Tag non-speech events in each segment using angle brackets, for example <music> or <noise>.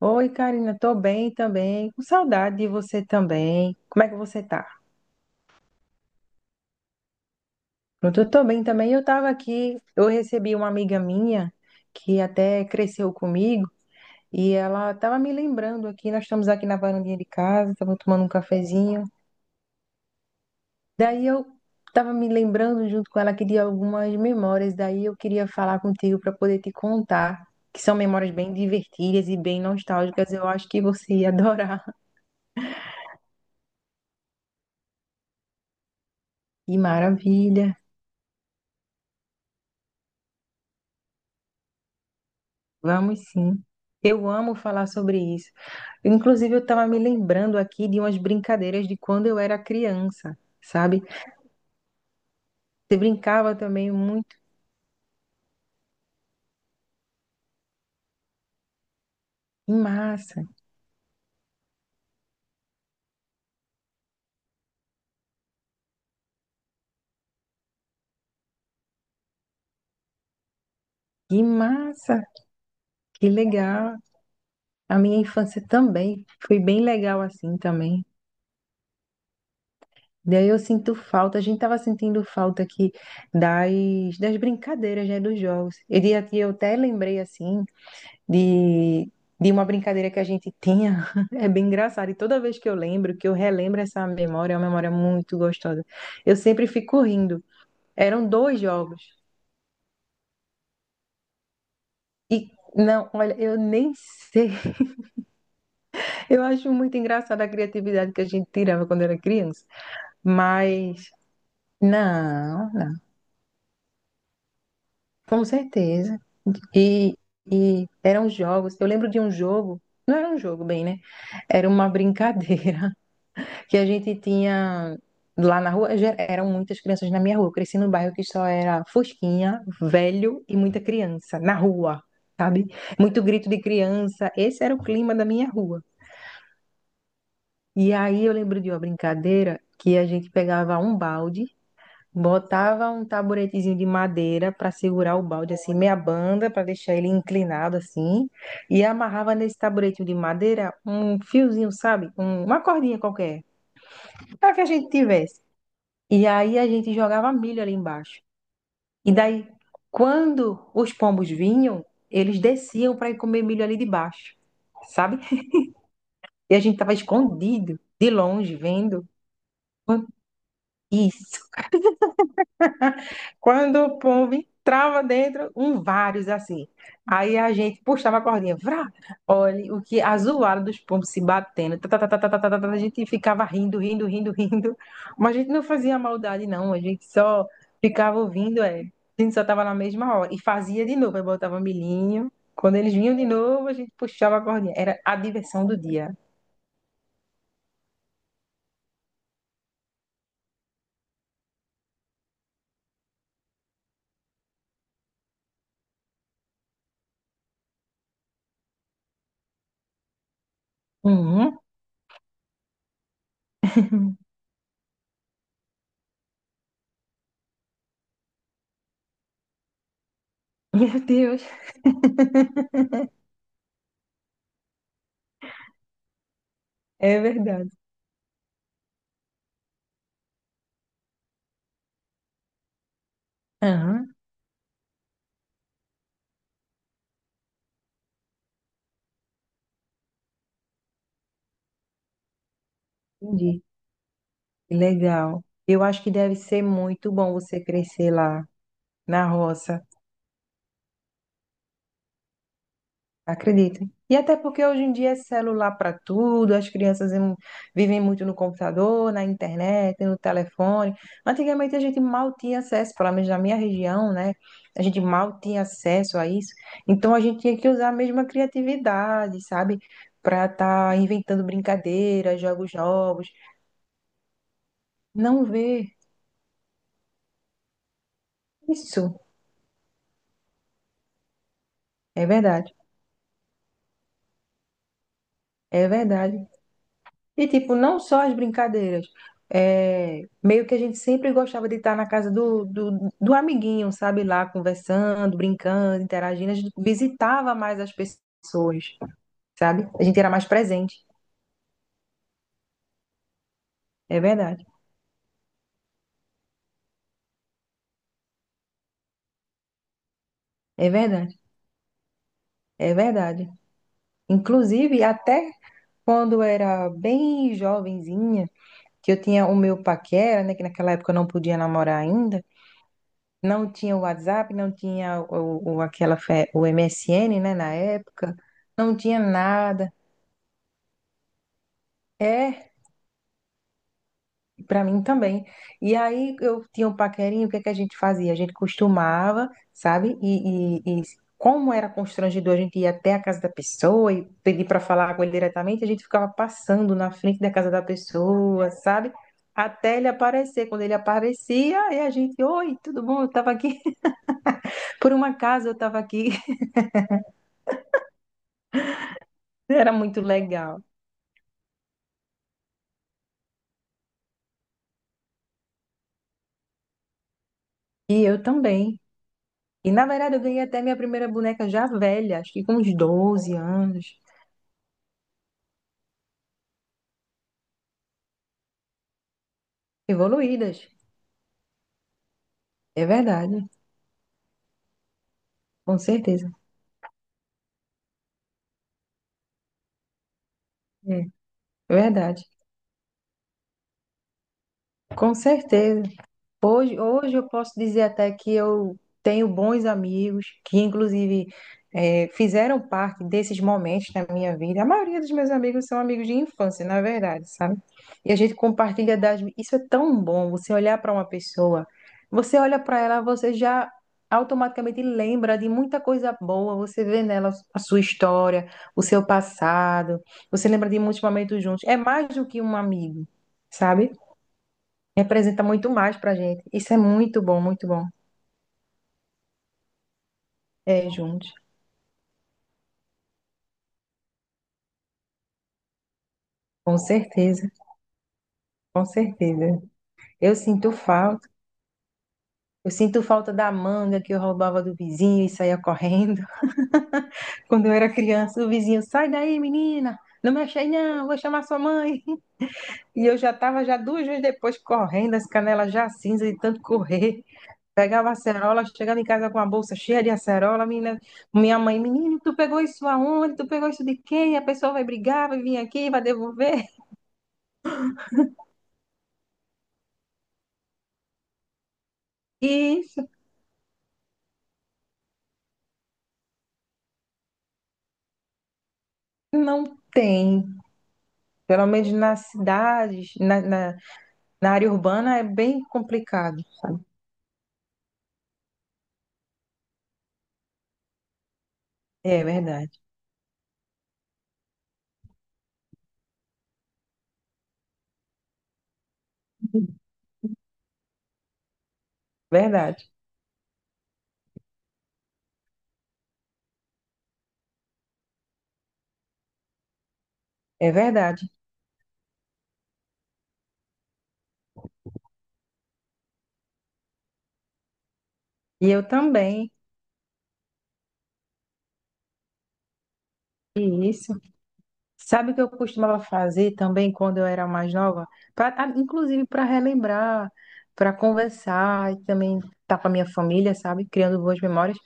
Oi, Karina, tô bem também, com saudade de você também. Como é que você tá? Pronto, eu tô bem também. Eu tava aqui, eu recebi uma amiga minha que até cresceu comigo e ela tava me lembrando aqui, nós estamos aqui na varandinha de casa, tava tomando um cafezinho. Daí eu tava me lembrando junto com ela que de algumas memórias, daí eu queria falar contigo para poder te contar, que são memórias bem divertidas e bem nostálgicas. Eu acho que você ia adorar. <laughs> E maravilha. Vamos sim. Eu amo falar sobre isso. Inclusive, eu estava me lembrando aqui de umas brincadeiras de quando eu era criança, sabe? Você brincava também muito. Que massa, que massa, que legal. A minha infância também foi bem legal assim também. Daí eu sinto falta, a gente estava sentindo falta aqui das brincadeiras, né, dos jogos. Aqui eu até lembrei assim de, de uma brincadeira que a gente tinha. <laughs> É bem engraçado. E toda vez que eu lembro, que eu relembro essa memória, é uma memória muito gostosa. Eu sempre fico rindo. Eram dois jogos. E não, olha, eu nem sei. <laughs> Eu acho muito engraçada a criatividade que a gente tirava quando era criança. Mas não, não. Com certeza. E, e eram jogos. Eu lembro de um jogo. Não era um jogo, bem, né? Era uma <laughs> brincadeira que a gente tinha lá na rua, já eram muitas crianças na minha rua. Eu cresci num bairro que só era fosquinha, velho e muita criança na rua, sabe? Muito grito de criança. Esse era o clima da minha rua. E aí eu lembro de uma brincadeira que a gente pegava um balde, botava um taburetezinho de madeira para segurar o balde assim, meia banda, para deixar ele inclinado assim, e amarrava nesse taburetinho de madeira um fiozinho, sabe? Uma cordinha qualquer, para que a gente tivesse. E aí a gente jogava milho ali embaixo. E daí, quando os pombos vinham, eles desciam para ir comer milho ali de baixo, sabe? E a gente tava escondido, de longe, vendo. Isso. Quando o pombo entrava dentro, um vários assim. Aí a gente puxava a cordinha, vrá, olha o que a zoada dos pombos se batendo. Tá, tá, tá, tá, tá, tá, tá, tá, a gente ficava rindo, rindo, rindo, rindo. Mas a gente não fazia maldade, não. A gente só ficava ouvindo, é. A gente só tava na mesma hora. E fazia de novo, aí botava milhinho. Quando eles vinham de novo, a gente puxava a cordinha. Era a diversão do dia. Uhum. <laughs> Meu Deus, é verdade. Aham, entendi. Que legal. Eu acho que deve ser muito bom você crescer lá na roça, acredita? E até porque hoje em dia é celular para tudo, as crianças vivem muito no computador, na internet, no telefone. Antigamente a gente mal tinha acesso, pelo menos na minha região, né? A gente mal tinha acesso a isso. Então a gente tinha que usar a mesma criatividade, sabe? Para estar inventando brincadeiras, jogos novos. Não ver isso. É verdade. É verdade. E, tipo, não só as brincadeiras. É, meio que a gente sempre gostava de estar na casa do amiguinho, sabe? Lá conversando, brincando, interagindo. A gente visitava mais as pessoas, sabe? A gente era mais presente. É verdade, é verdade, é verdade. Inclusive, até quando eu era bem jovenzinha, que eu tinha o meu paquera, né? Que naquela época eu não podia namorar ainda. Não tinha o WhatsApp, não tinha o MSN, né, na época, não tinha nada. É, para mim também. E aí eu tinha um paquerinho, o que é que a gente fazia? A gente costumava, sabe? E como era constrangedor, a gente ia até a casa da pessoa e pedir para falar com ele diretamente, a gente ficava passando na frente da casa da pessoa, sabe? Até ele aparecer. Quando ele aparecia, aí a gente, oi, tudo bom? Eu tava aqui. <laughs> Por um acaso eu tava aqui. <laughs> Era muito legal. E eu também. E na verdade eu ganhei até minha primeira boneca já velha, acho que com uns 12 anos. Evoluídas. É verdade, com certeza. É é verdade. Com certeza. Hoje eu posso dizer até que eu tenho bons amigos que, inclusive, fizeram parte desses momentos na minha vida. A maioria dos meus amigos são amigos de infância, na verdade, sabe? E a gente compartilha das. Isso é tão bom, você olhar para uma pessoa, você olha para ela, você já automaticamente lembra de muita coisa boa, você vê nela a sua história, o seu passado, você lembra de muitos momentos juntos. É mais do que um amigo, sabe? Representa muito mais pra gente. Isso é muito bom, muito bom. É, juntos. Com certeza, com certeza. Eu sinto falta. Eu sinto falta da manga que eu roubava do vizinho e saía correndo. <laughs> Quando eu era criança, o vizinho, sai daí, menina, não mexe aí não, vou chamar sua mãe. E eu já estava já duas vezes depois correndo, as canelas já cinza de tanto correr. Pegava acerola, chegava em casa com a bolsa cheia de acerola, menina, minha mãe, menino, tu pegou isso aonde? Tu pegou isso de quem? A pessoa vai brigar, vai vir aqui, vai devolver. Isso não tem. Pelo menos nas cidades, na, área urbana é bem complicado. É verdade, verdade, é verdade. E eu também, e isso. Sabe o que eu costumava fazer também quando eu era mais nova? Pra, inclusive para relembrar, para conversar e também estar com a minha família, sabe? Criando boas memórias.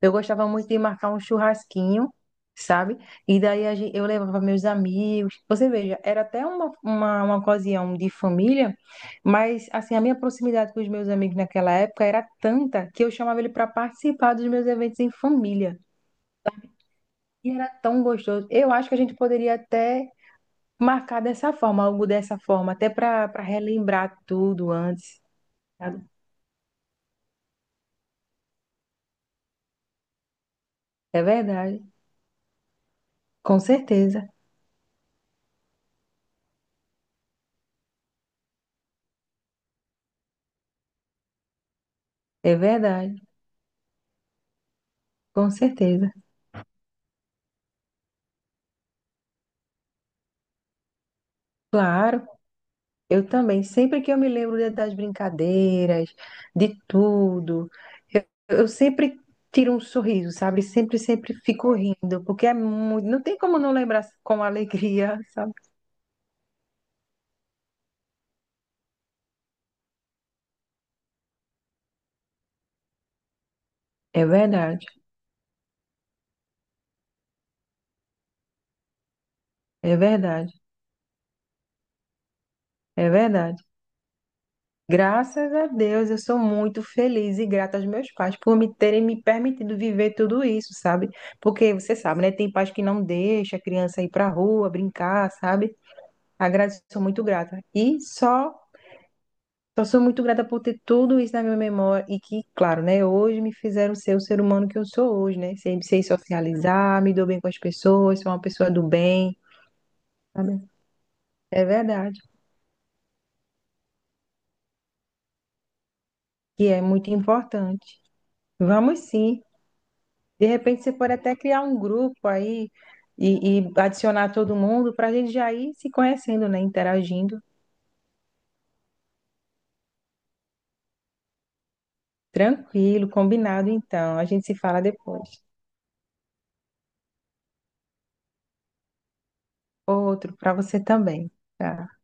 Eu gostava muito de marcar um churrasquinho, sabe? E daí eu levava meus amigos. Você veja, era até uma ocasião de família, mas assim, a minha proximidade com os meus amigos naquela época era tanta que eu chamava ele para participar dos meus eventos em família. E era tão gostoso. Eu acho que a gente poderia até marcar dessa forma, algo dessa forma, até para relembrar tudo antes, sabe? É verdade, com certeza. É verdade, com certeza. Claro. Eu também, sempre que eu me lembro das brincadeiras, de tudo, eu sempre tiro um sorriso, sabe? Sempre, sempre fico rindo, porque é muito, não tem como não lembrar com alegria, <laughs> sabe? É verdade, é verdade, é verdade. Graças a Deus, eu sou muito feliz e grata aos meus pais por me terem me permitido viver tudo isso, sabe? Porque você sabe, né? Tem pais que não deixam a criança ir pra rua brincar, sabe? Agradeço, sou muito grata. E só Então, sou muito grata por ter tudo isso na minha memória e que, claro, né, hoje me fizeram ser o ser humano que eu sou hoje, né? Sei socializar, me dou bem com as pessoas, sou uma pessoa do bem, sabe? É verdade, que é muito importante. Vamos sim. De repente, você pode até criar um grupo aí e adicionar todo mundo para a gente já ir se conhecendo, né? Interagindo. Tranquilo, combinado, então. A gente se fala depois. Outro para você também. Tá?